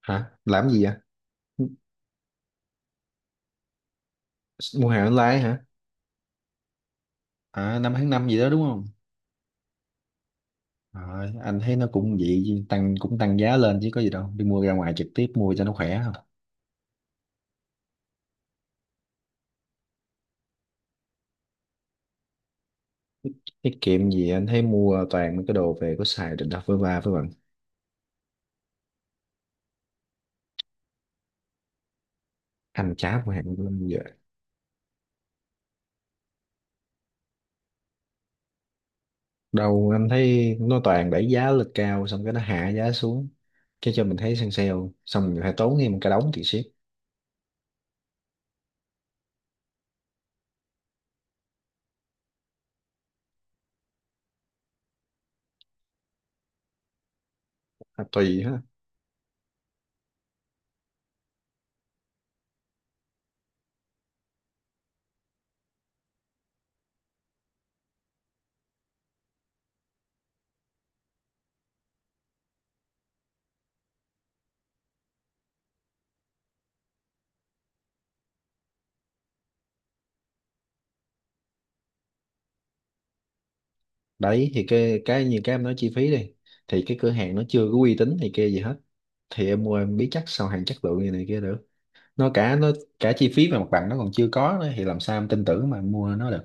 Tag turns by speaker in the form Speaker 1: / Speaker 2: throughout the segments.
Speaker 1: Hả, làm gì vậy? Mua hàng online hả? À, năm tháng năm gì đó đúng không? Rồi, anh thấy nó cũng vậy, tăng cũng tăng giá lên chứ có gì đâu, đi mua ra ngoài trực tiếp mua cho nó khỏe không? Tiết kiệm gì, anh thấy mua toàn mấy cái đồ về có xài, định đặt với ba với bạn. Anh chả mua hàng online giờ. Đâu, anh thấy nó toàn đẩy giá lên cao, xong cái nó hạ giá xuống, cái cho mình thấy săn sale, xong mình phải tốn thêm một cái đống tiền ship. À, tùy ha. Đấy thì cái như cái em nói chi phí đi, thì cái cửa hàng nó chưa có uy tín thì kia gì hết, thì em mua em biết chắc sao hàng chất lượng như này kia được. Nó cả chi phí và mặt bằng nó còn chưa có nữa thì làm sao em tin tưởng mà em mua nó được.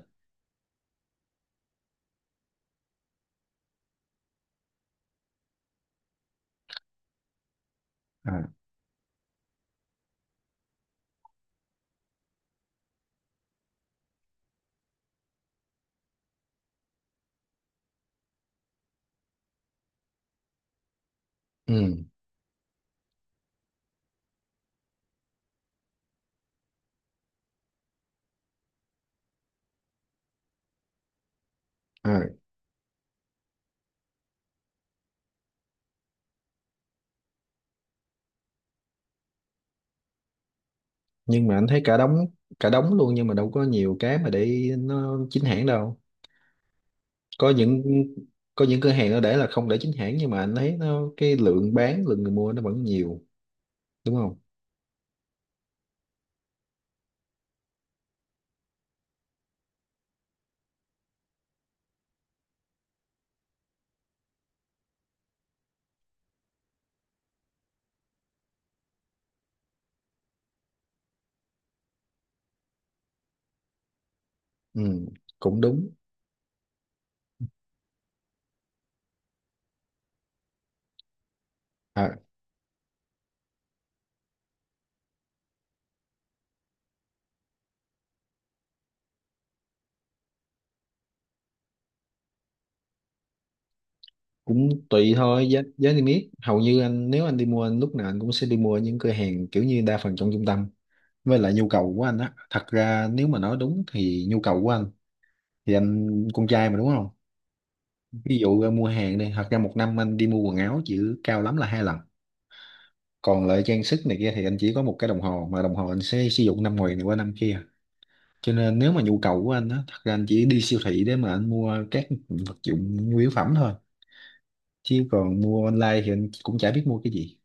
Speaker 1: À, ừ, à. Nhưng mà anh thấy cả đống, cả đống luôn, nhưng mà đâu có nhiều cái mà để nó chính hãng đâu. Có những, cửa hàng nó để là không để chính hãng, nhưng mà anh thấy nó cái lượng bán, lượng người mua nó vẫn nhiều, đúng không? Ừ, cũng đúng. À, cũng tùy thôi. Giá giá niêm yết hầu như anh, nếu anh đi mua, anh lúc nào anh cũng sẽ đi mua những cửa hàng kiểu như đa phần trong trung tâm. Với lại nhu cầu của anh á, thật ra nếu mà nói đúng thì nhu cầu của anh, thì anh con trai mà đúng không? Ví dụ ra mua hàng đi, thật ra một năm anh đi mua quần áo chỉ cao lắm là hai lần. Còn lại trang sức này kia thì anh chỉ có một cái đồng hồ, mà đồng hồ anh sẽ sử dụng năm ngoài này qua năm kia. Cho nên nếu mà nhu cầu của anh á, thật ra anh chỉ đi siêu thị để mà anh mua các vật dụng nhu yếu phẩm thôi, chứ còn mua online thì anh cũng chả biết mua cái gì.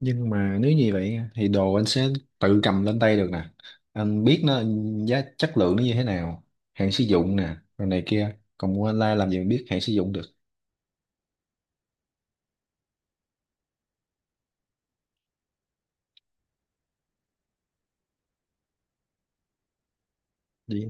Speaker 1: Nhưng mà nếu như vậy thì đồ anh sẽ tự cầm lên tay được nè, anh biết nó giá chất lượng nó như thế nào, hạn sử dụng nè rồi này kia, còn mua online làm gì mà biết hạn sử dụng được. Đi.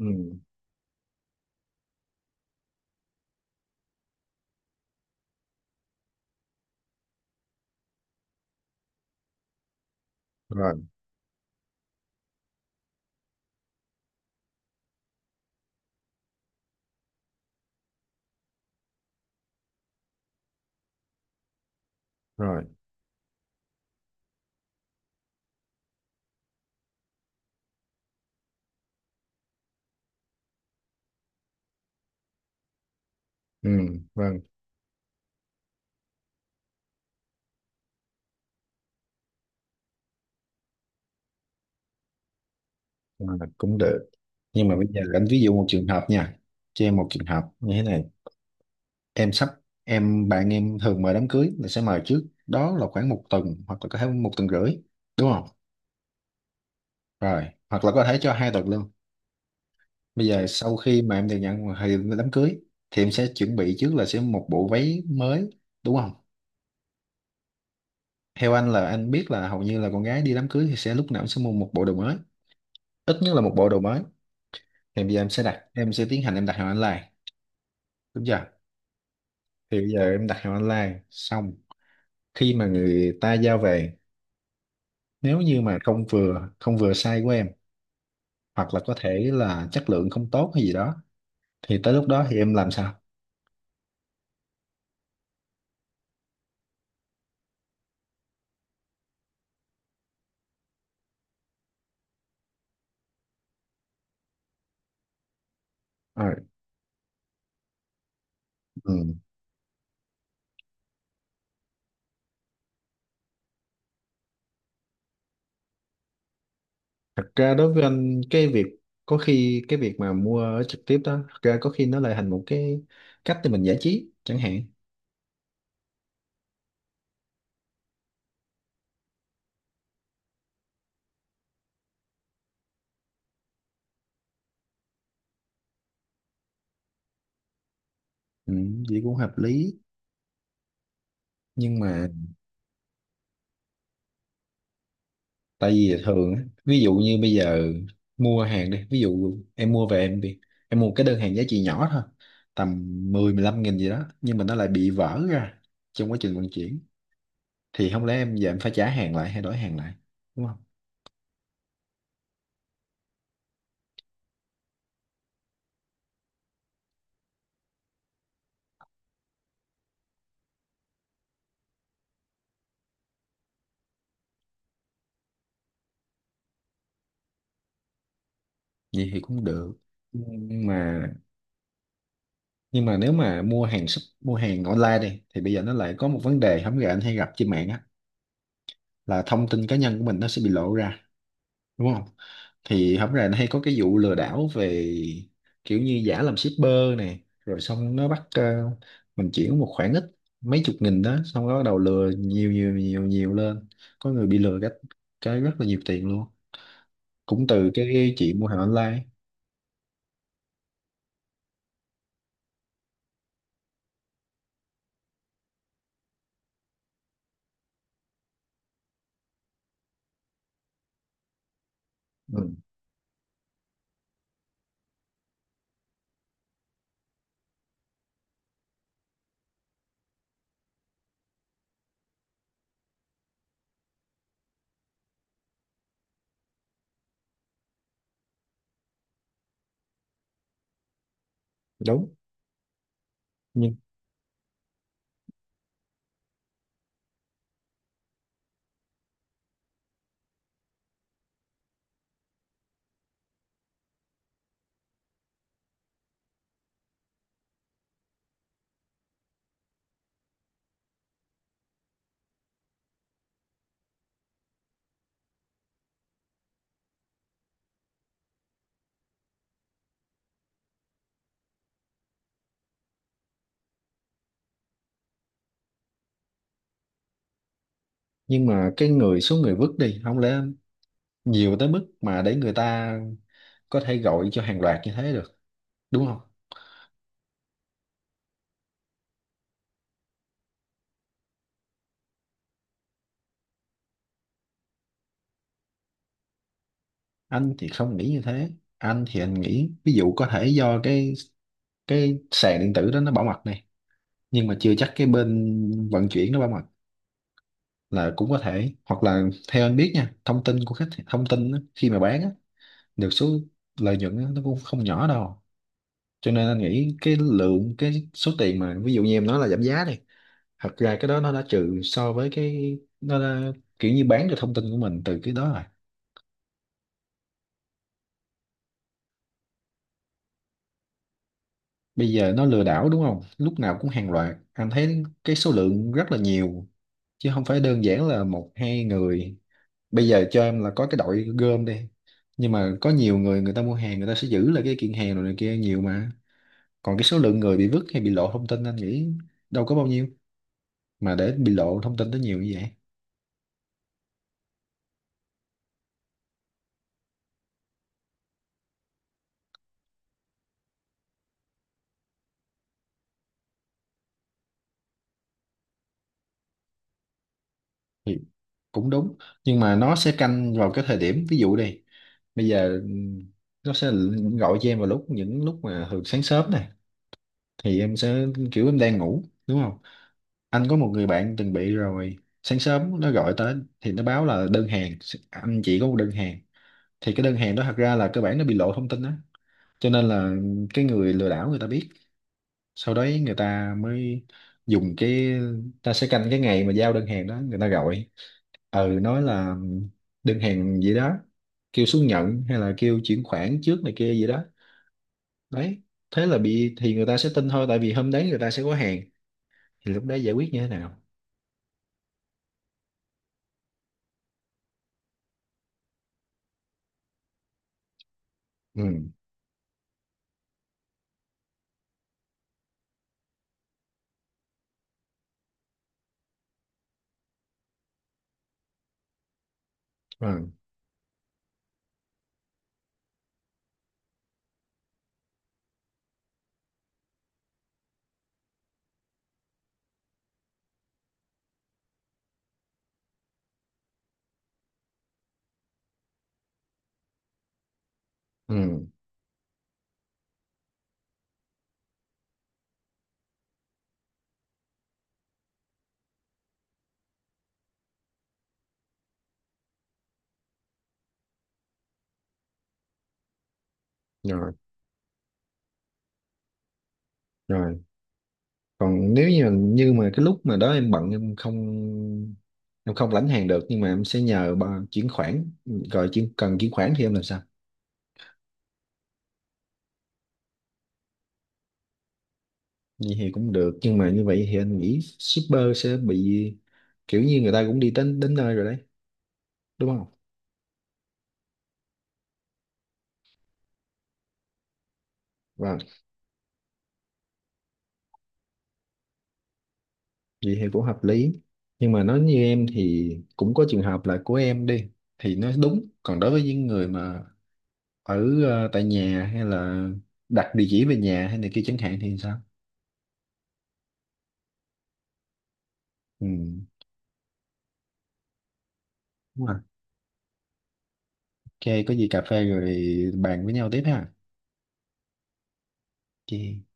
Speaker 1: Ừ. Rồi. Rồi. Ừ. Vâng. À, cũng được, nhưng mà bây giờ anh ví dụ một trường hợp nha, cho em một trường hợp như thế này. Em sắp, em bạn em thường mời đám cưới là sẽ mời trước đó là khoảng một tuần hoặc là có thể một tuần rưỡi, đúng không? Rồi, hoặc là có thể cho 2 tuần luôn. Bây giờ sau khi mà em được nhận thì đám cưới, thì em sẽ chuẩn bị trước là sẽ một bộ váy mới, đúng không? Theo anh là anh biết là hầu như là con gái đi đám cưới thì sẽ lúc nào cũng sẽ mua một bộ đồ mới, ít nhất là một bộ đồ mới. Thì bây giờ em sẽ đặt, em sẽ tiến hành em đặt hàng online, đúng chưa? Thì bây giờ em đặt hàng online xong, khi mà người ta giao về, nếu như mà không vừa size của em hoặc là có thể là chất lượng không tốt hay gì đó, thì tới lúc đó thì em làm sao? Ờ, ừ. Thật ra đối với anh cái việc, có khi cái việc mà mua ở trực tiếp đó, thật ra có khi nó lại thành một cái cách để mình giải trí chẳng hạn. Ừ, vậy cũng hợp lý. Nhưng mà, tại vì thường á, ví dụ như bây giờ mua hàng đi, ví dụ em mua về em bị, em mua cái đơn hàng giá trị nhỏ thôi, tầm mười mười lăm nghìn gì đó, nhưng mà nó lại bị vỡ ra trong quá trình vận chuyển, thì không lẽ em giờ em phải trả hàng lại hay đổi hàng lại, đúng không? Vậy thì cũng được, nhưng mà, nhưng mà nếu mà mua hàng mua hàng online đi thì bây giờ nó lại có một vấn đề không gà anh hay gặp trên mạng á, là thông tin cá nhân của mình nó sẽ bị lộ ra, đúng không? Thì không gà nó hay có cái vụ lừa đảo về kiểu như giả làm shipper này, rồi xong nó bắt mình chuyển một khoản ít, mấy chục nghìn đó, xong nó bắt đầu lừa nhiều nhiều nhiều nhiều lên, có người bị lừa cái, rất là nhiều tiền luôn, cũng từ cái chị mua hàng online. Ừ, đúng. Nhưng nhưng mà cái người, số người vứt đi không lẽ nhiều tới mức mà để người ta có thể gọi cho hàng loạt như thế được, đúng không? Anh thì không nghĩ như thế. Anh thì anh nghĩ ví dụ có thể do cái sàn điện tử đó nó bảo mật này, nhưng mà chưa chắc cái bên vận chuyển nó bảo mật là cũng có thể, hoặc là theo anh biết nha, thông tin của khách, thông tin á, khi mà bán á, được số lợi nhuận á, nó cũng không nhỏ đâu. Cho nên anh nghĩ cái lượng, cái số tiền mà ví dụ như em nói là giảm giá đi, thật ra cái đó nó đã trừ so với cái nó đã, kiểu như bán được thông tin của mình từ cái đó rồi. Bây giờ nó lừa đảo đúng không, lúc nào cũng hàng loạt, anh thấy cái số lượng rất là nhiều chứ không phải đơn giản là một hai người. Bây giờ cho em là có cái đội gom đi, nhưng mà có nhiều người, người ta mua hàng người ta sẽ giữ lại cái kiện hàng rồi này kia nhiều mà. Còn cái số lượng người bị vứt hay bị lộ thông tin anh nghĩ đâu có bao nhiêu mà để bị lộ thông tin tới nhiều như vậy. Thì cũng đúng, nhưng mà nó sẽ canh vào cái thời điểm ví dụ đi, bây giờ nó sẽ gọi cho em vào lúc những lúc mà thường sáng sớm này, thì em sẽ kiểu em đang ngủ đúng không. Anh có một người bạn từng bị rồi, sáng sớm nó gọi tới thì nó báo là đơn hàng, anh chỉ có một đơn hàng, thì cái đơn hàng đó thật ra là cơ bản nó bị lộ thông tin đó, cho nên là cái người lừa đảo người ta biết, sau đấy người ta mới dùng cái, ta sẽ canh cái ngày mà giao đơn hàng đó người ta gọi, ừ nói là đơn hàng gì đó, kêu xuống nhận hay là kêu chuyển khoản trước này kia gì đó. Đấy, thế là bị, thì người ta sẽ tin thôi tại vì hôm đấy người ta sẽ có hàng, thì lúc đấy giải quyết như thế nào? Ừ. Rồi. Ừ. Rồi. Rồi. Còn nếu như, như mà cái lúc mà đó em bận em không, em không lãnh hàng được nhưng mà em sẽ nhờ bà chuyển khoản rồi chuyển, cần chuyển khoản thì em làm sao? Vậy thì cũng được, nhưng mà như vậy thì anh nghĩ shipper sẽ bị kiểu như người ta cũng đi đến đến nơi rồi đấy, đúng không? Vâng. Vậy thì cũng hợp lý. Nhưng mà nói như em thì cũng có trường hợp là của em đi thì nó đúng. Còn đối với những người mà ở tại nhà hay là đặt địa chỉ về nhà hay này kia chẳng hạn thì sao? Ừ, đúng rồi. Ok, có gì cà phê rồi bàn với nhau tiếp ha. Ok.